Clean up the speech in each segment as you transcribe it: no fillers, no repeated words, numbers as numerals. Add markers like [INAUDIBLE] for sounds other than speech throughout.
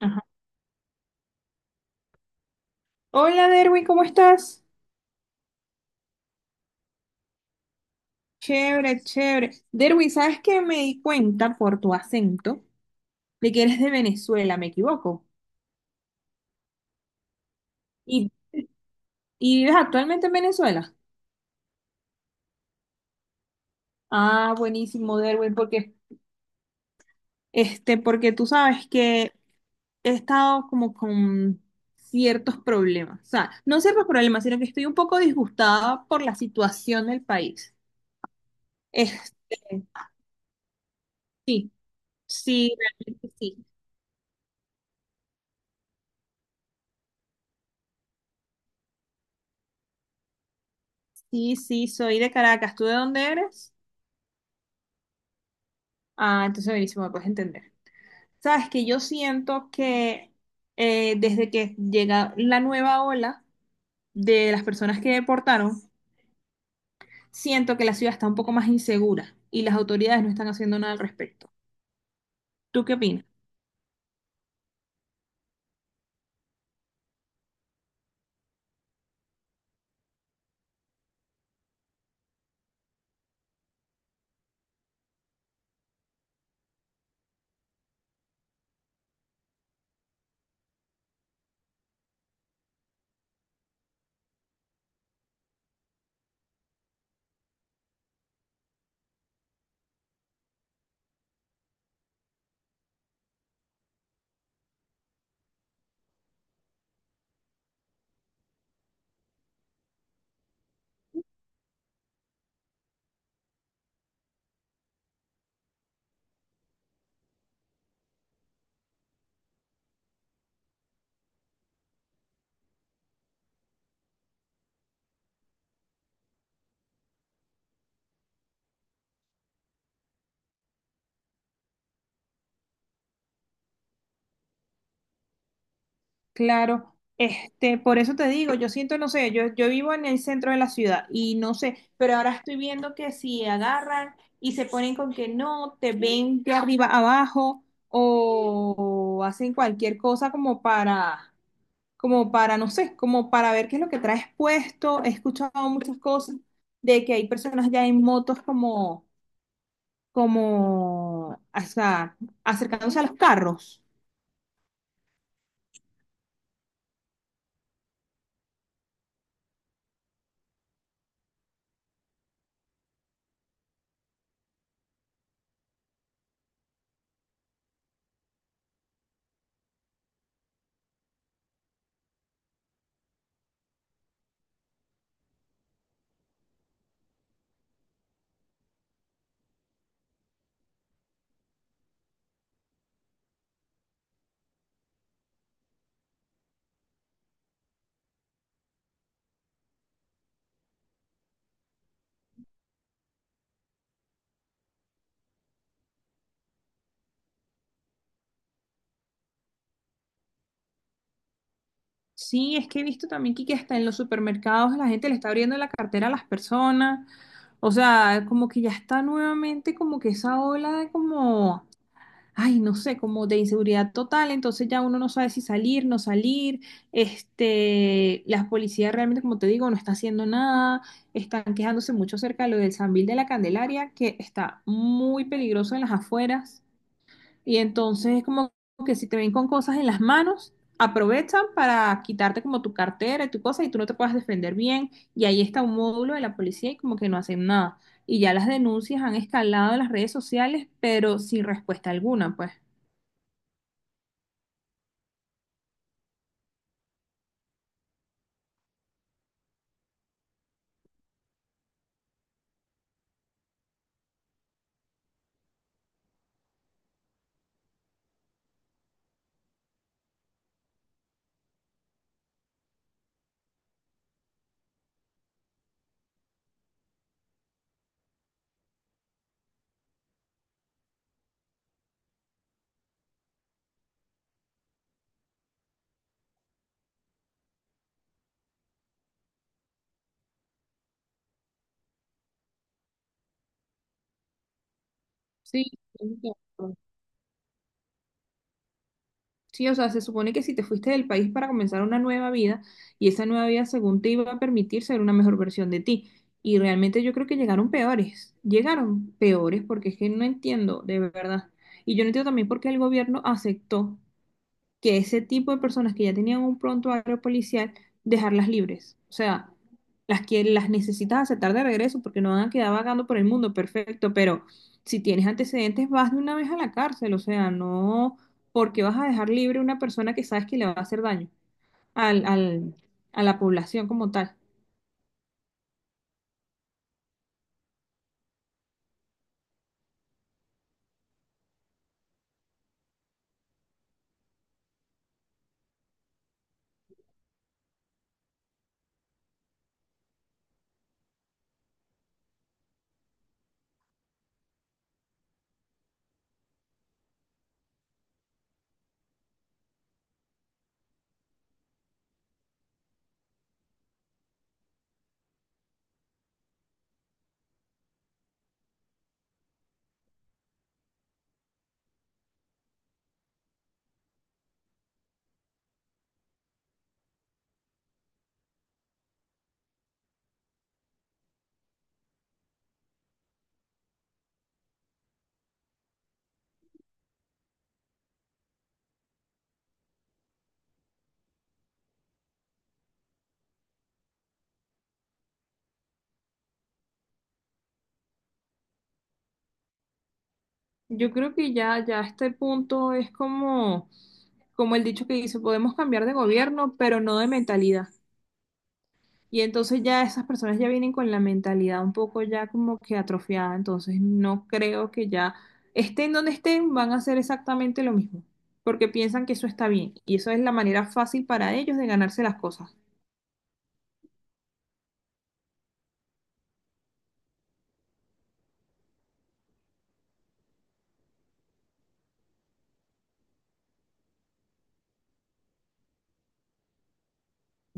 Ajá. Hola Derwin, ¿cómo estás? Chévere, chévere. Derwin, ¿sabes qué? Me di cuenta por tu acento de que eres de Venezuela, ¿me equivoco? ¿Y, y vives actualmente en Venezuela? Ah, buenísimo, Derwin, porque, este, porque tú sabes que he estado como con ciertos problemas. O sea, no ciertos problemas, sino que estoy un poco disgustada por la situación del país. Este, sí, sí, realmente sí. Sí, sí, soy de Caracas. ¿Tú de dónde eres? Ah, entonces buenísimo, me puedes entender. Sabes que yo siento que desde que llega la nueva ola de las personas que deportaron, siento que la ciudad está un poco más insegura y las autoridades no están haciendo nada al respecto. ¿Tú qué opinas? Claro, este, por eso te digo, yo siento, no sé, yo vivo en el centro de la ciudad y no sé, pero ahora estoy viendo que si agarran y se ponen con que no, te ven de arriba abajo o hacen cualquier cosa como para como para, no sé, como para ver qué es lo que traes puesto. He escuchado muchas cosas de que hay personas ya en motos como, como, o sea, acercándose a los carros. Sí, es que he visto también que hasta en los supermercados la gente le está abriendo la cartera a las personas. O sea, como que ya está nuevamente como que esa ola de como ay, no sé, como de inseguridad total, entonces ya uno no sabe si salir, no salir, este, la policía realmente, como te digo, no está haciendo nada, están quejándose mucho acerca de lo del Sambil de la Candelaria, que está muy peligroso en las afueras, y entonces es como que si te ven con cosas en las manos, aprovechan para quitarte como tu cartera y tu cosa y tú no te puedas defender bien, y ahí está un módulo de la policía y como que no hacen nada. Y ya las denuncias han escalado en las redes sociales, pero sin respuesta alguna, pues. Sí, entiendo. Sí, o sea, se supone que si te fuiste del país para comenzar una nueva vida y esa nueva vida según te iba a permitir ser una mejor versión de ti. Y realmente yo creo que llegaron peores porque es que no entiendo, de verdad. Y yo no entiendo también por qué el gobierno aceptó que ese tipo de personas que ya tenían un prontuario policial, dejarlas libres. O sea, las que las necesitas aceptar de regreso porque no van a quedar vagando por el mundo, perfecto, pero si tienes antecedentes, vas de una vez a la cárcel, o sea, no porque vas a dejar libre a una persona que sabes que le va a hacer daño al, al- a la población como tal. Yo creo que ya, ya a este punto es como, como el dicho que dice, podemos cambiar de gobierno, pero no de mentalidad. Y entonces ya esas personas ya vienen con la mentalidad un poco ya como que atrofiada, entonces no creo que ya estén donde estén, van a hacer exactamente lo mismo, porque piensan que eso está bien y eso es la manera fácil para ellos de ganarse las cosas.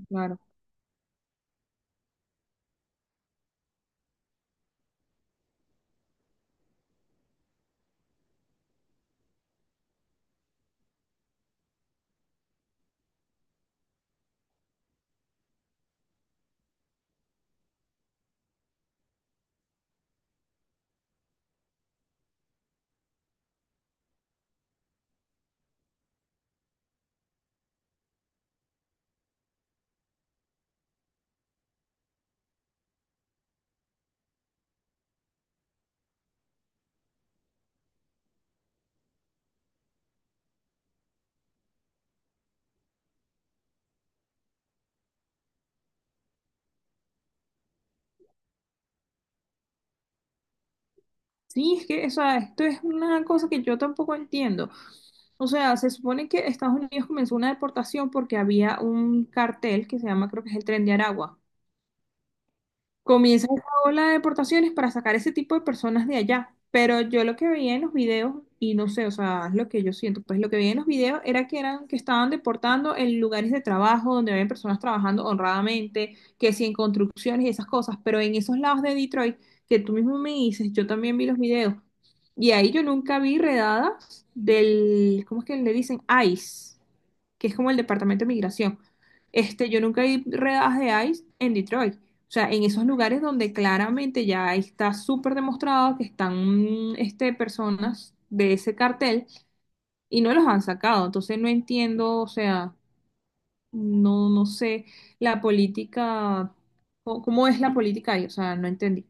Claro. Sí, es que, o sea, esto es una cosa que yo tampoco entiendo. O sea, se supone que Estados Unidos comenzó una deportación porque había un cartel que se llama, creo que es el Tren de Aragua. Comienza esa ola de deportaciones para sacar ese tipo de personas de allá. Pero yo lo que veía en los videos, y no sé, o sea, es lo que yo siento, pues lo que veía en los videos era que eran, que estaban deportando en lugares de trabajo donde habían personas trabajando honradamente, que si en construcciones y esas cosas, pero en esos lados de Detroit, que tú mismo me dices, yo también vi los videos, y ahí yo nunca vi redadas del, ¿cómo es que le dicen? ICE, que es como el Departamento de Migración. Este, yo nunca vi redadas de ICE en Detroit. O sea, en esos lugares donde claramente ya está súper demostrado que están este, personas de ese cartel y no los han sacado. Entonces no entiendo, o sea, no, no sé la política, o- cómo es la política ahí, o sea, no entendí.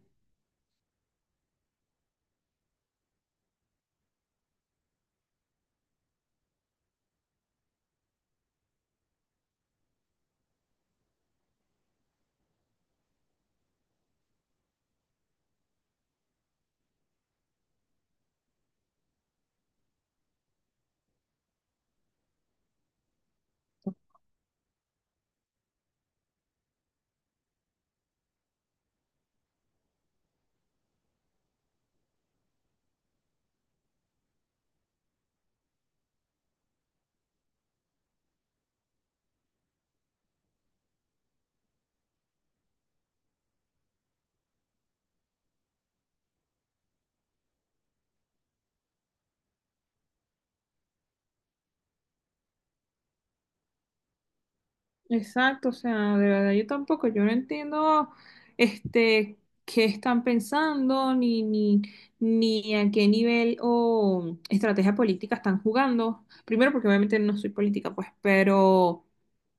Exacto, o sea, de verdad yo tampoco, yo no entiendo este qué están pensando, ni, ni, ni a qué nivel o estrategia política están jugando. Primero, porque obviamente no soy política, pues, pero, o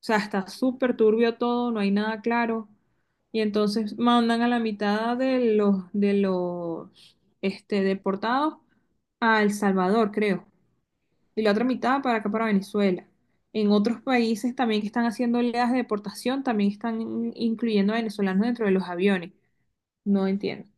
sea, está súper turbio todo, no hay nada claro. Y entonces mandan a la mitad de los este, deportados a El Salvador, creo, y la otra mitad para acá, para Venezuela. En otros países también que están haciendo oleadas de deportación, también están in- incluyendo a venezolanos dentro de los aviones. No entiendo.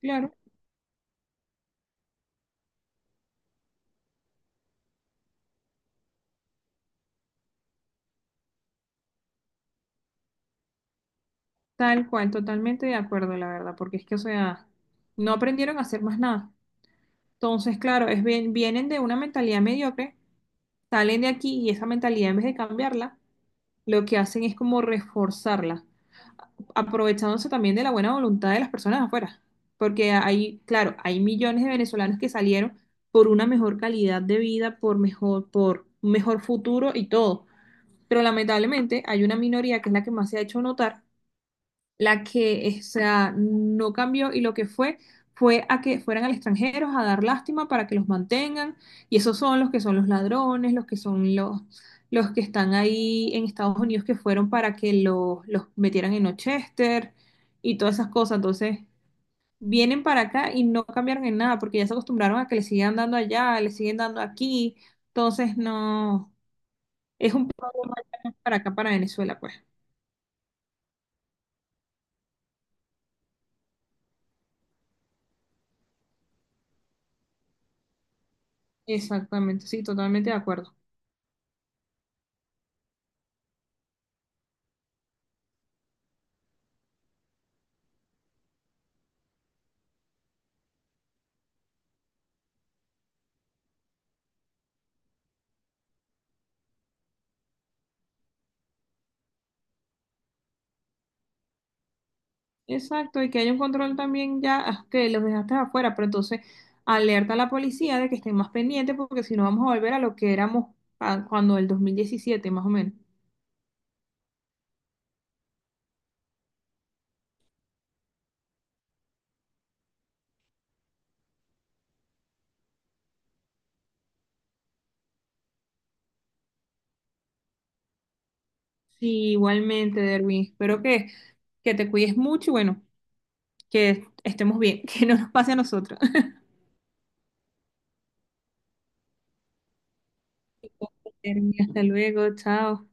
Claro, tal cual, totalmente de acuerdo, la verdad, porque es que, o sea, no aprendieron a hacer más nada. Entonces, claro, es bien, vienen de una mentalidad mediocre, salen de aquí y esa mentalidad en vez de cambiarla, lo que hacen es como reforzarla. Aprovechándose también de la buena voluntad de las personas afuera, porque hay, claro, hay millones de venezolanos que salieron por una mejor calidad de vida, por mejor, por un mejor futuro y todo, pero lamentablemente hay una minoría que es la que más se ha hecho notar, la que, o sea, no cambió y lo que fue fue a que fueran al extranjero a dar lástima para que los mantengan, y esos son los que son los ladrones, los que son los que están ahí en Estados Unidos que fueron para que los metieran en Ochester y todas esas cosas. Entonces, vienen para acá y no cambiaron en nada porque ya se acostumbraron a que le sigan dando allá, le siguen dando aquí. Entonces, no, es un problema ya para acá, para Venezuela, pues. Exactamente, sí, totalmente de acuerdo. Exacto, y que haya un control también ya, ah, que los dejaste afuera, pero entonces alerta a la policía de que estén más pendientes porque si no vamos a volver a lo que éramos ah, cuando el 2017 más o menos. Sí, igualmente, Derwin, espero que te cuides mucho y bueno, que estemos bien, [LAUGHS] que no nos pase a nosotros. [LAUGHS] Derwin, hasta luego, chao.